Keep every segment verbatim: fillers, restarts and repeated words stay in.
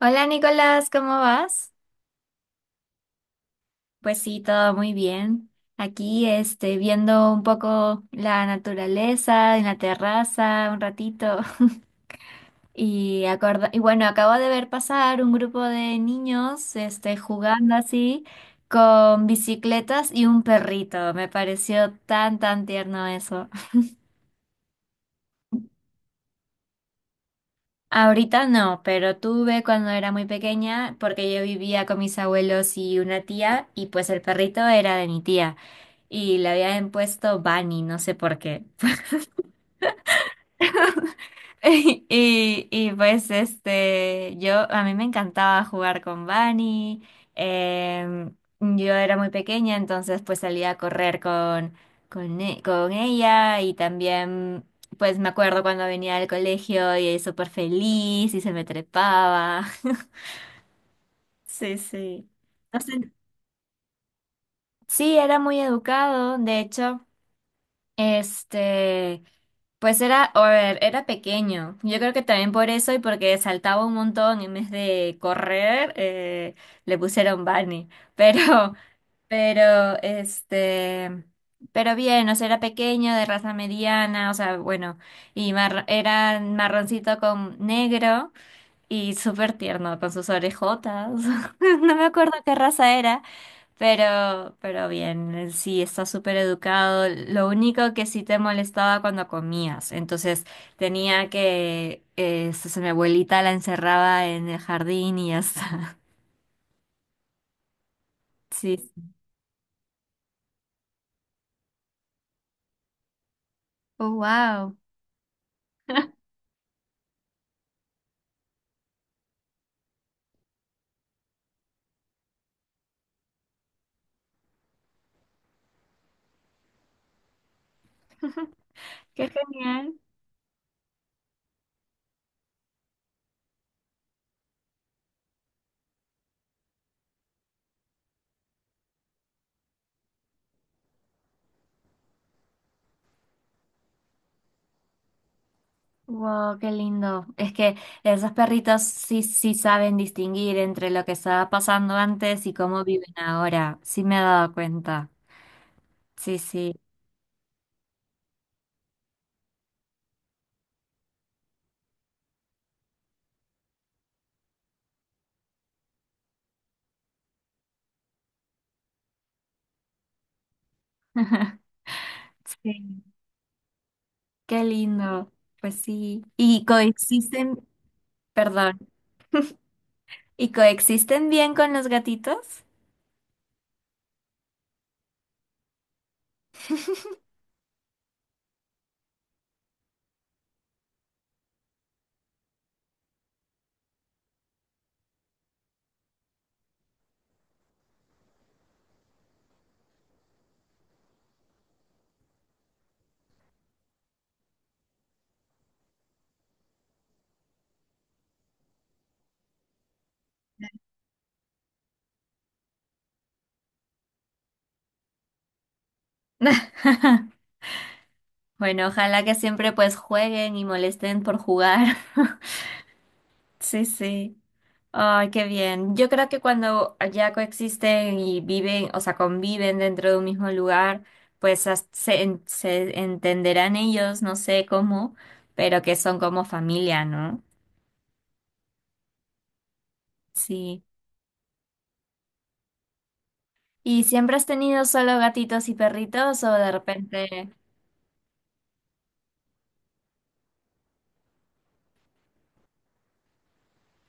Hola Nicolás, ¿cómo vas? Pues sí, todo muy bien. Aquí, este, viendo un poco la naturaleza en la terraza, un ratito. Y, acorda- y bueno, acabo de ver pasar un grupo de niños, este, jugando así con bicicletas y un perrito. Me pareció tan, tan tierno eso. Ahorita no, pero tuve cuando era muy pequeña porque yo vivía con mis abuelos y una tía y pues el perrito era de mi tía y le habían puesto Bunny, no sé por qué. Y, y pues este, yo a mí me encantaba jugar con Bunny. em, yo era muy pequeña, entonces pues salía a correr con, con, e- con ella y también pues me acuerdo cuando venía al colegio y súper feliz y se me trepaba. Sí, sí. No sé, sí, era muy educado, de hecho, este, pues era, a ver, era pequeño. Yo creo que también por eso y porque saltaba un montón en vez de correr, eh, le pusieron Bunny. Pero, pero, este, pero bien, o sea, era pequeño, de raza mediana, o sea, bueno, y marr- era marroncito con negro y súper tierno con sus orejotas. No me acuerdo qué raza era. Pero, pero bien, él sí, está súper educado. Lo único que sí te molestaba cuando comías. Entonces tenía que, eh, entonces mi abuelita la encerraba en el jardín y ya está. Sí. Oh, wow. Qué genial. Wow, qué lindo. Es que esos perritos sí, sí saben distinguir entre lo que estaba pasando antes y cómo viven ahora. Sí me he dado cuenta. Sí, sí. Sí. Qué lindo. Pues sí. ¿Y coexisten? Perdón. ¿Y coexisten bien con los gatitos? Bueno, ojalá que siempre pues jueguen y molesten por jugar. Sí, sí. Ay, qué bien. Yo creo que cuando ya coexisten y viven, o sea, conviven dentro de un mismo lugar, pues as- se, en- se entenderán ellos, no sé cómo, pero que son como familia, ¿no? Sí. ¿Y siempre has tenido solo gatitos y perritos o de repente...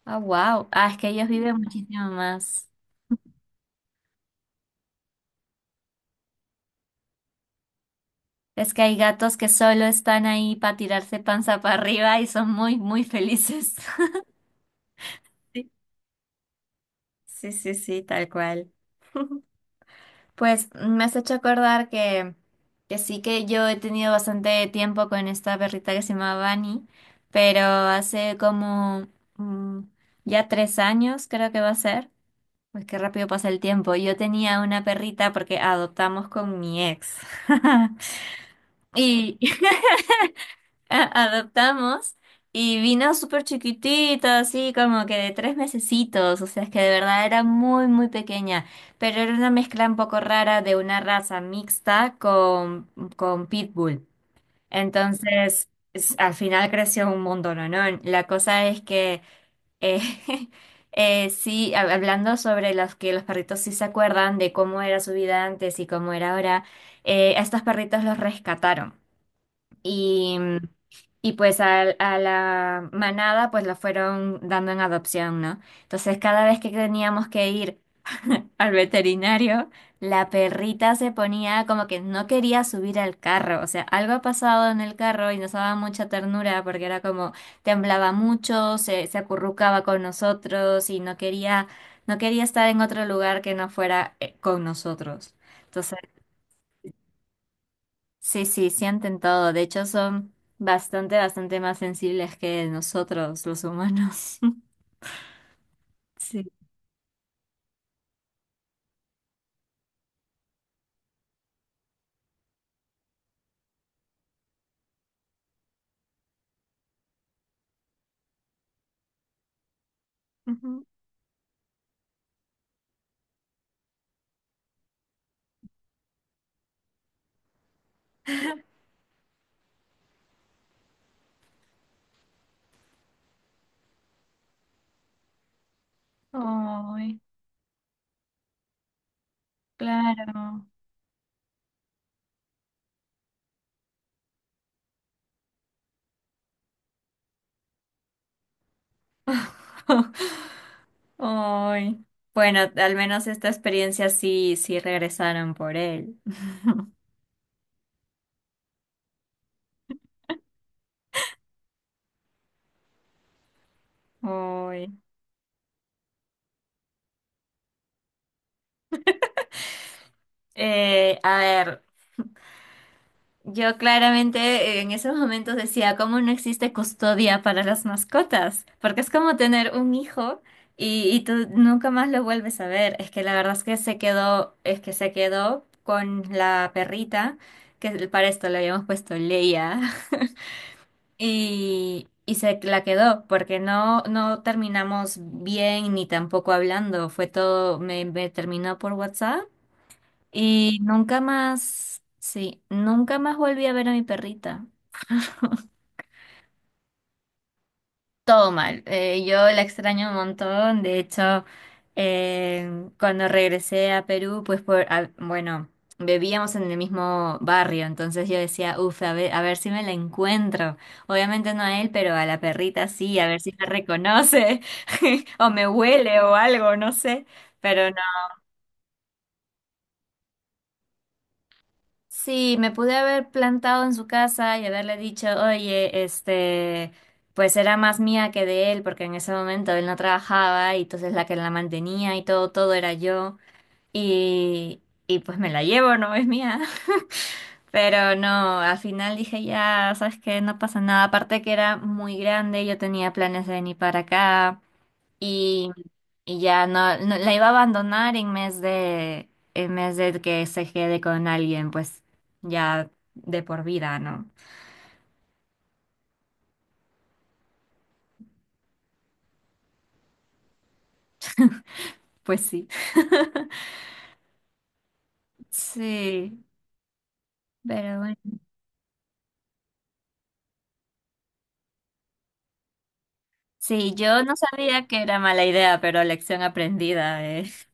Ah, wow. Ah, es que ellos viven muchísimo más. Es que hay gatos que solo están ahí para tirarse panza para arriba y son muy, muy felices. Sí, sí, sí, sí, tal cual. Pues me has hecho acordar que, que sí que yo he tenido bastante tiempo con esta perrita que se llama Bunny, pero hace como mm, ya tres años creo que va a ser. Pues qué rápido pasa el tiempo. Yo tenía una perrita porque adoptamos con mi ex. Y a- adoptamos y vino súper chiquitito así como que de tres mesecitos, o sea, es que de verdad era muy, muy pequeña, pero era una mezcla un poco rara de una raza mixta con, con Pitbull. Entonces, es- al final creció un montón, ¿no? No, la cosa es que... eh, eh, sí, hab- hablando sobre los que los perritos sí se acuerdan de cómo era su vida antes y cómo era ahora, eh, a estos perritos los rescataron. Y, y pues al- a, la manada pues la fueron dando en adopción, ¿no? Entonces cada vez que teníamos que ir al veterinario, la perrita se ponía como que no quería subir al carro, o sea, algo ha pasado en el carro y nos daba mucha ternura porque era como temblaba mucho, se, se acurrucaba con nosotros y no quería, no quería estar en otro lugar que no fuera eh, con nosotros. Sí, sí, sienten todo. De hecho, son bastante, bastante más sensibles que nosotros, los humanos. Sí. Ujú. Ay, claro. Ay. Bueno, al menos esta experiencia sí, sí regresaron por él. Ay. Eh, a ver. Yo claramente en esos momentos decía, ¿cómo no existe custodia para las mascotas? Porque es como tener un hijo y, y tú nunca más lo vuelves a ver. Es que la verdad es que se quedó, es que se quedó con la perrita, que para esto le habíamos puesto Leia, y, y se la quedó, porque no, no terminamos bien ni tampoco hablando. Fue todo, me, me terminó por WhatsApp y nunca más, sí, nunca más volví a ver a mi perrita. Todo mal. Eh, yo la extraño un montón. De hecho, eh, cuando regresé a Perú, pues por, a- bueno, vivíamos en el mismo barrio, entonces yo decía, uff, a ver, a ver si me la encuentro. Obviamente no a él, pero a la perrita sí, a ver si me reconoce o me huele o algo, no sé. Pero sí, me pude haber plantado en su casa y haberle dicho, oye, este, pues era más mía que de él, porque en ese momento él no trabajaba y entonces la que la mantenía y todo, todo era yo. Y, y pues me la llevo, no es mía. Pero no, al final dije, ya, sabes que no pasa nada. Aparte que era muy grande, yo tenía planes de venir para acá y, y ya no, no- la iba a abandonar en vez de, en vez de que se quede con alguien, pues ya de por vida, ¿no? Pues sí. Sí, pero bueno. Sí, yo no sabía que era mala idea, pero lección aprendida, eh.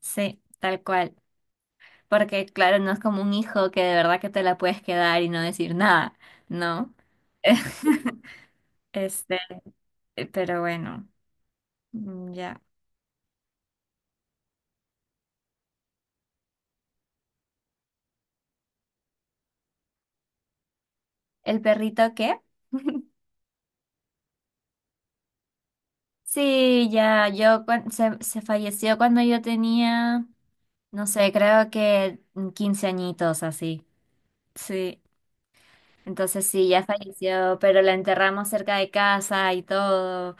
Sí, tal cual. Porque claro, no es como un hijo que de verdad que te la puedes quedar y no decir nada, ¿no? Este, pero bueno, mm, ya. ¿El perrito qué? Sí, ya, yo cuan- se, se falleció cuando yo tenía, no sé, creo que quince añitos así. Sí, entonces sí, ya falleció, pero la enterramos cerca de casa y todo.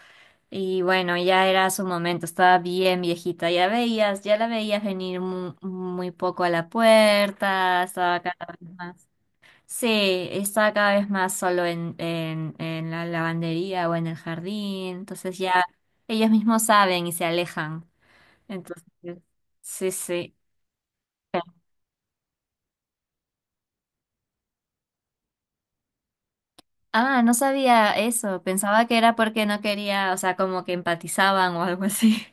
Y bueno, ya era su momento, estaba bien viejita, ya veías, ya la veías venir mu- muy poco a la puerta, estaba cada vez más. Sí, estaba cada vez más solo en, en, en la lavandería o en el jardín, entonces ya ellos mismos saben y se alejan. Entonces, sí, sí. Pero- Ah, no sabía eso. Pensaba que era porque no quería, o sea, como que empatizaban o algo así.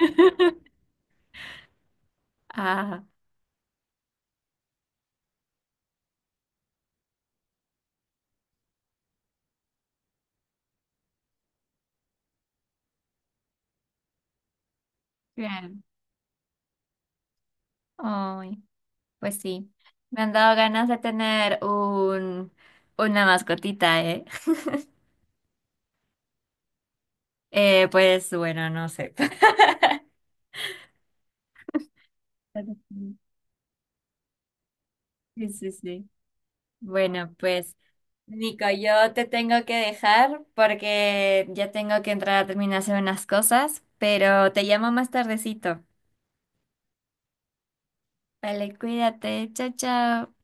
Ah, bien. Ay, pues sí. Me han dado ganas de tener un, una mascotita, ¿eh? Eh, pues bueno, no sé. Sí, sí, sí. Bueno, pues. Nico, yo te tengo que dejar porque ya tengo que entrar a terminar de hacer unas cosas, pero te llamo más tardecito. Vale, cuídate. Chao, chao.